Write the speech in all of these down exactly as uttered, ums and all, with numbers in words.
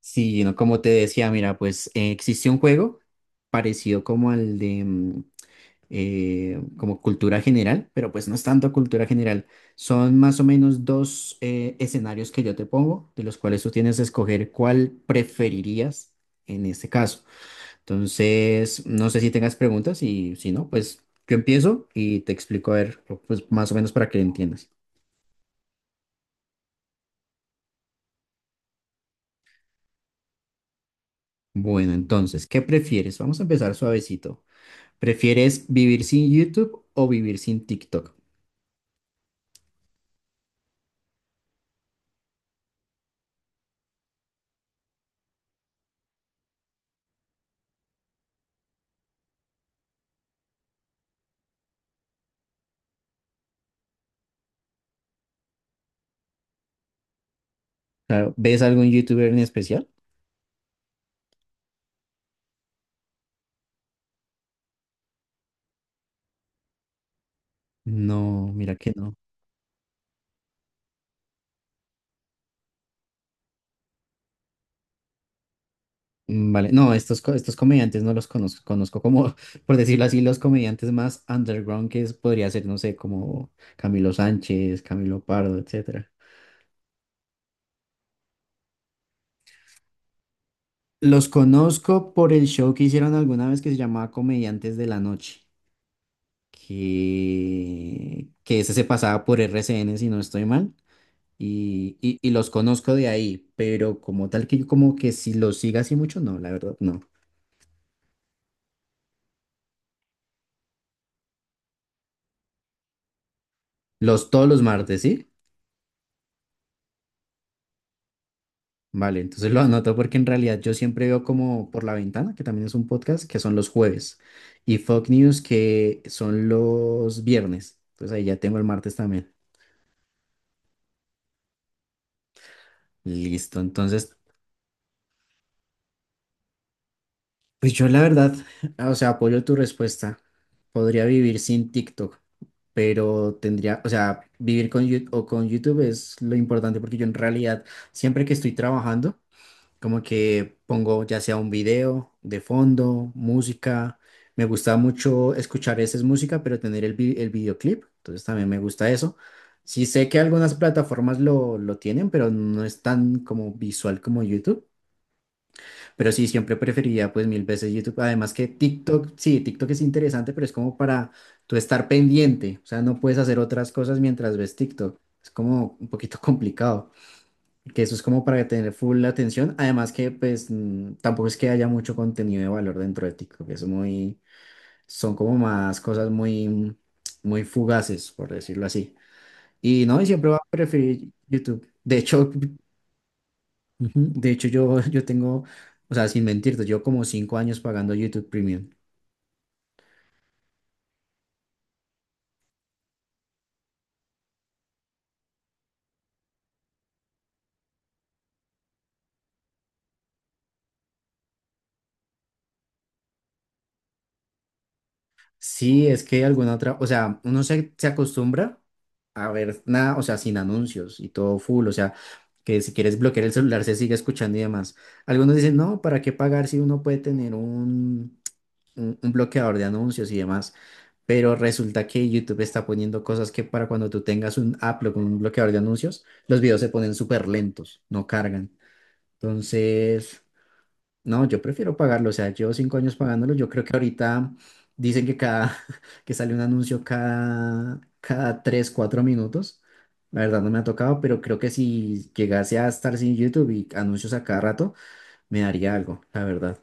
Sí, no, como te decía, mira, pues eh, existe un juego parecido como al de mm, eh, como cultura general, pero pues no es tanto cultura general. Son más o menos dos eh, escenarios que yo te pongo, de los cuales tú tienes que escoger cuál preferirías en este caso. Entonces, no sé si tengas preguntas y si no, pues yo empiezo y te explico a ver, pues más o menos para que entiendas. Bueno, entonces, ¿qué prefieres? Vamos a empezar suavecito. ¿Prefieres vivir sin YouTube o vivir sin TikTok? Claro, ¿ves algún YouTuber en especial? No, mira que no. Mm, Vale, no, estos, co- estos comediantes no los conozco, conozco como, por decirlo así, los comediantes más underground que es- podría ser, no sé, como Camilo Sánchez, Camilo Pardo, etcétera. Los conozco por el show que hicieron alguna vez que se llamaba Comediantes de la Noche, que, que ese se pasaba por R C N, si no estoy mal. Y, y, y los conozco de ahí, pero como tal que yo como que si los siga así mucho, no, la verdad, no. Los todos los martes, ¿sí? Vale, entonces lo anoto porque en realidad yo siempre veo como por la ventana, que también es un podcast, que son los jueves, y Fox News, que son los viernes. Entonces ahí ya tengo el martes también. Listo, entonces. Pues yo la verdad, o sea, apoyo tu respuesta. Podría vivir sin TikTok, pero tendría, o sea, vivir con YouTube o con YouTube es lo importante porque yo en realidad siempre que estoy trabajando, como que pongo ya sea un video de fondo, música. Me gusta mucho escuchar esa música, pero tener el, vi- el videoclip, entonces también me gusta eso. Sí sé que algunas plataformas lo, lo tienen, pero no es tan como visual como YouTube. Pero sí, siempre preferiría pues mil veces YouTube. Además que TikTok, sí, TikTok es interesante, pero es como para tú estar pendiente. O sea, no puedes hacer otras cosas mientras ves TikTok. Es como un poquito complicado. Que eso es como para tener full la atención. Además que pues mm, tampoco es que haya mucho contenido de valor dentro de TikTok. Es muy, son como más cosas muy, mm, muy fugaces, por decirlo así. Y no, y siempre va a preferir YouTube. De hecho, ujú. De hecho, yo, yo tengo, o sea, sin mentirte, yo como cinco años pagando YouTube Premium. Sí, es que alguna otra, o sea, uno se, se acostumbra a ver nada, o sea, sin anuncios y todo full, o sea, que si quieres bloquear el celular se sigue escuchando y demás. Algunos dicen, no, ¿para qué pagar si uno puede tener un, un, un bloqueador de anuncios y demás? Pero resulta que YouTube está poniendo cosas que para cuando tú tengas un Apple con un bloqueador de anuncios, los videos se ponen súper lentos, no cargan. Entonces... No, yo prefiero pagarlo, o sea, llevo cinco años pagándolo, yo creo que ahorita dicen que cada, que sale un anuncio cada, cada tres, cuatro minutos, la verdad no me ha tocado, pero creo que si llegase a estar sin YouTube y anuncios a cada rato, me daría algo, la verdad.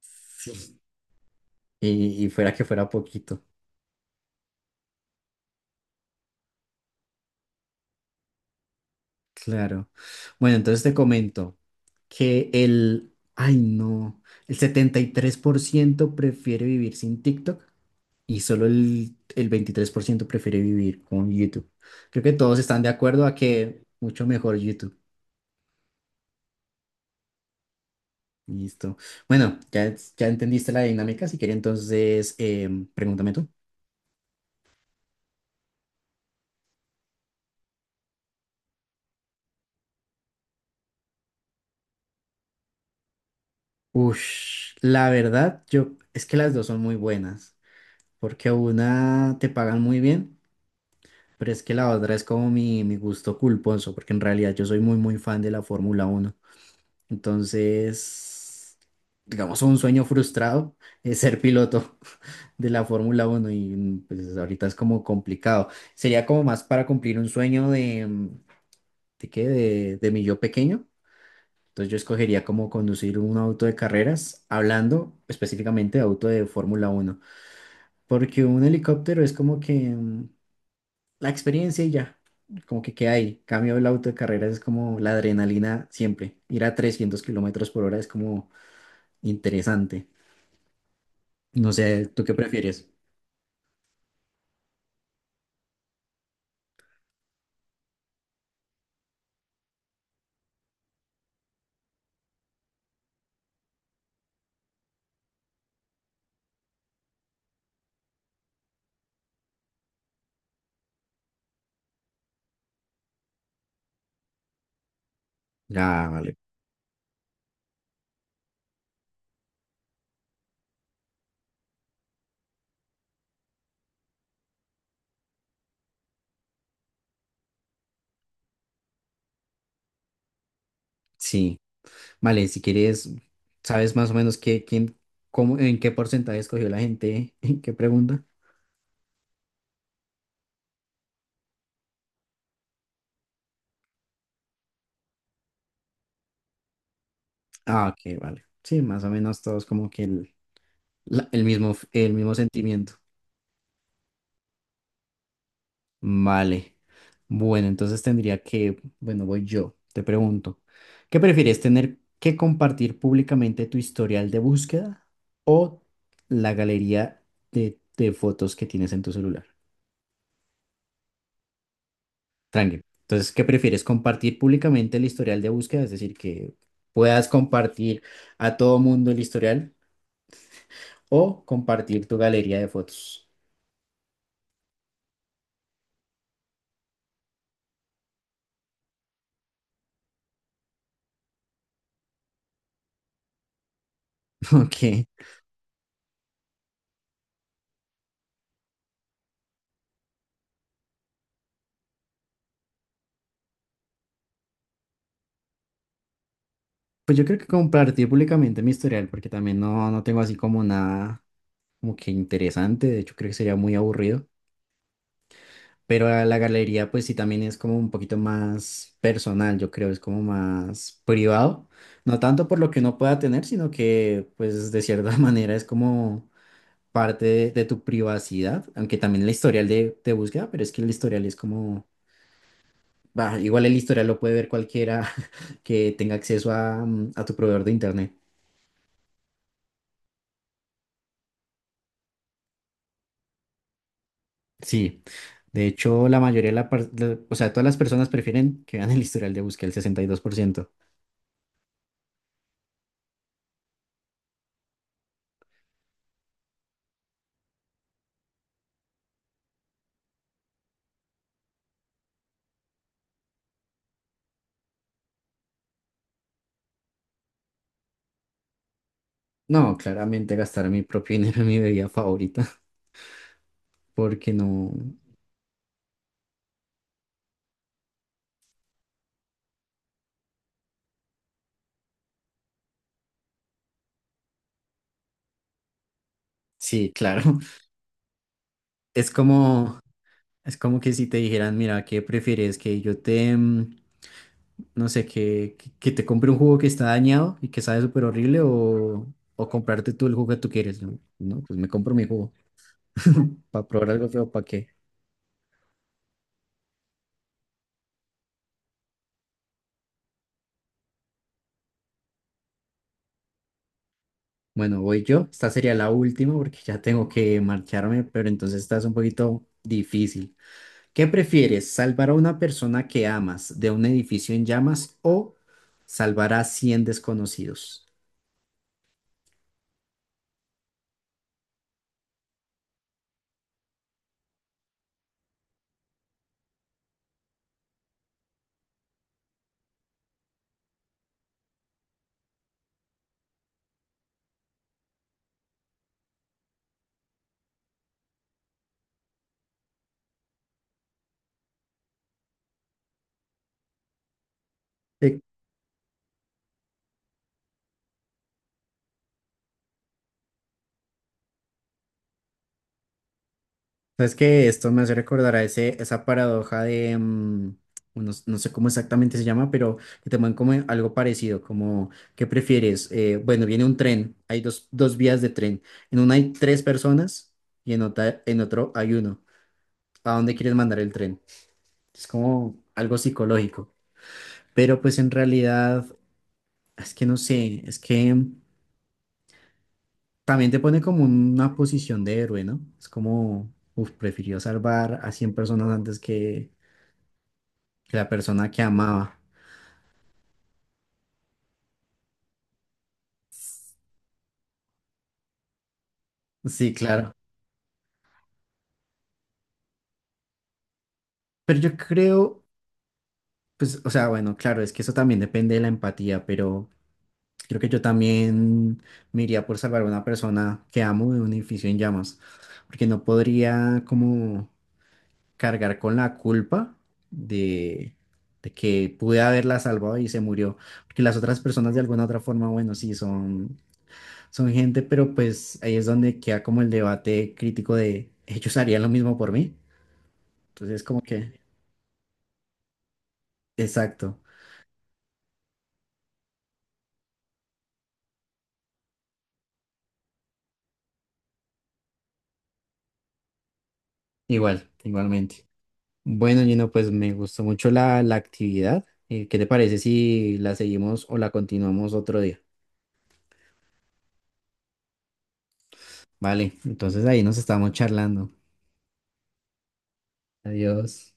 Sí. y, y fuera que fuera poquito, claro. Bueno, entonces te comento que el, ay no, el setenta y tres por ciento prefiere vivir sin TikTok y solo el, el veintitrés por ciento prefiere vivir con YouTube. Creo que todos están de acuerdo a que mucho mejor YouTube. Listo. Bueno, ya, ya entendiste la dinámica. Si quieres, entonces, em, pregúntame tú. Ush, la verdad, yo, es que las dos son muy buenas, porque una te pagan muy bien, pero es que la otra es como mi, mi gusto culposo, porque en realidad yo soy muy, muy fan de la Fórmula Uno. Entonces, digamos, un sueño frustrado es ser piloto de la Fórmula uno y mm, pues ahorita es como complicado. Sería como más para cumplir un sueño de, mm, ¿de qué? De, de mi yo pequeño. Entonces yo escogería como conducir un auto de carreras, hablando específicamente de auto de Fórmula uno porque un helicóptero es como que mm, la experiencia y ya, como que queda ahí. Cambio el auto de carreras es como la adrenalina siempre. Ir a trescientos kilómetros por hora es como interesante. No sé, ¿tú qué prefieres? Ah, vale. Sí. Vale, si quieres, ¿sabes más o menos qué, quién, cómo, en qué porcentaje escogió la gente? ¿En qué pregunta? Ah, ok, vale. Sí, más o menos todos como que el, la- el mismo, f- el mismo sentimiento. Vale. Bueno, entonces tendría que, bueno, voy yo, te pregunto, ¿qué prefieres tener que compartir públicamente tu historial de búsqueda o la galería de, de fotos que tienes en tu celular? Tranqui. Entonces, ¿qué prefieres? ¿Compartir públicamente el historial de búsqueda? Es decir, que puedas compartir a todo mundo el historial o compartir tu galería de fotos. Ok. Pues yo creo que compartir públicamente mi historial, porque también no, no tengo así como nada como que interesante. De hecho, creo que sería muy aburrido. Pero a la galería, pues sí, también es como un poquito más personal, yo creo, es como más privado. No tanto por lo que uno pueda tener, sino que, pues, de cierta manera es como parte de, de tu privacidad, aunque también el historial de, de búsqueda, pero es que el historial es como, bah, igual el historial lo puede ver cualquiera que tenga acceso a, mm, a tu proveedor de internet. Sí, de hecho, la mayoría de la, par- de- o sea, todas las personas prefieren que vean el historial de búsqueda, el sesenta y dos por ciento. No, claramente gastar mi propio dinero en mi bebida favorita, porque no, sí, claro, es como, es como que si te dijeran, mira, ¿qué prefieres? Que yo te... mm, no sé, que, que que te compre un jugo que está dañado y que sabe súper horrible o, o comprarte tú el jugo que tú quieres. No, no, pues me compro mi jugo para probar algo feo, ¿para qué? Bueno, voy yo. Esta sería la última porque ya tengo que marcharme, pero entonces esta es un poquito difícil. ¿Qué prefieres, salvar a una persona que amas de un edificio en llamas o salvar a cien desconocidos? Sabes que esto me hace recordar a ese, esa paradoja de, mm, no, s- no sé cómo exactamente se llama, pero que te ponen como algo parecido, como, ¿qué prefieres? Eh, bueno, viene un tren, hay dos, dos vías de tren. En una hay tres personas y en otra, en otro hay uno. ¿A dónde quieres mandar el tren? Es como algo psicológico. Pero pues en realidad, es que no sé, es que mm, también te pone como una posición de héroe, ¿no? Es como, uff, prefirió salvar a cien personas antes que que la persona que amaba. Sí, claro. Pero yo creo, pues, o sea, bueno, claro, es que eso también depende de la empatía, pero creo que yo también me iría por salvar a una persona que amo de un edificio en llamas, porque no podría como cargar con la culpa de, de que pude haberla salvado y se murió, porque las otras personas de alguna otra forma, bueno, sí, son, son gente, pero pues ahí es donde queda como el debate crítico de, ¿ellos harían lo mismo por mí? Entonces, como que... Exacto, igual, igualmente. Bueno, Gino, pues me gustó mucho la, la actividad. Eh, ¿qué te parece si la seguimos o la continuamos otro día? Vale, entonces ahí nos estamos charlando. Adiós.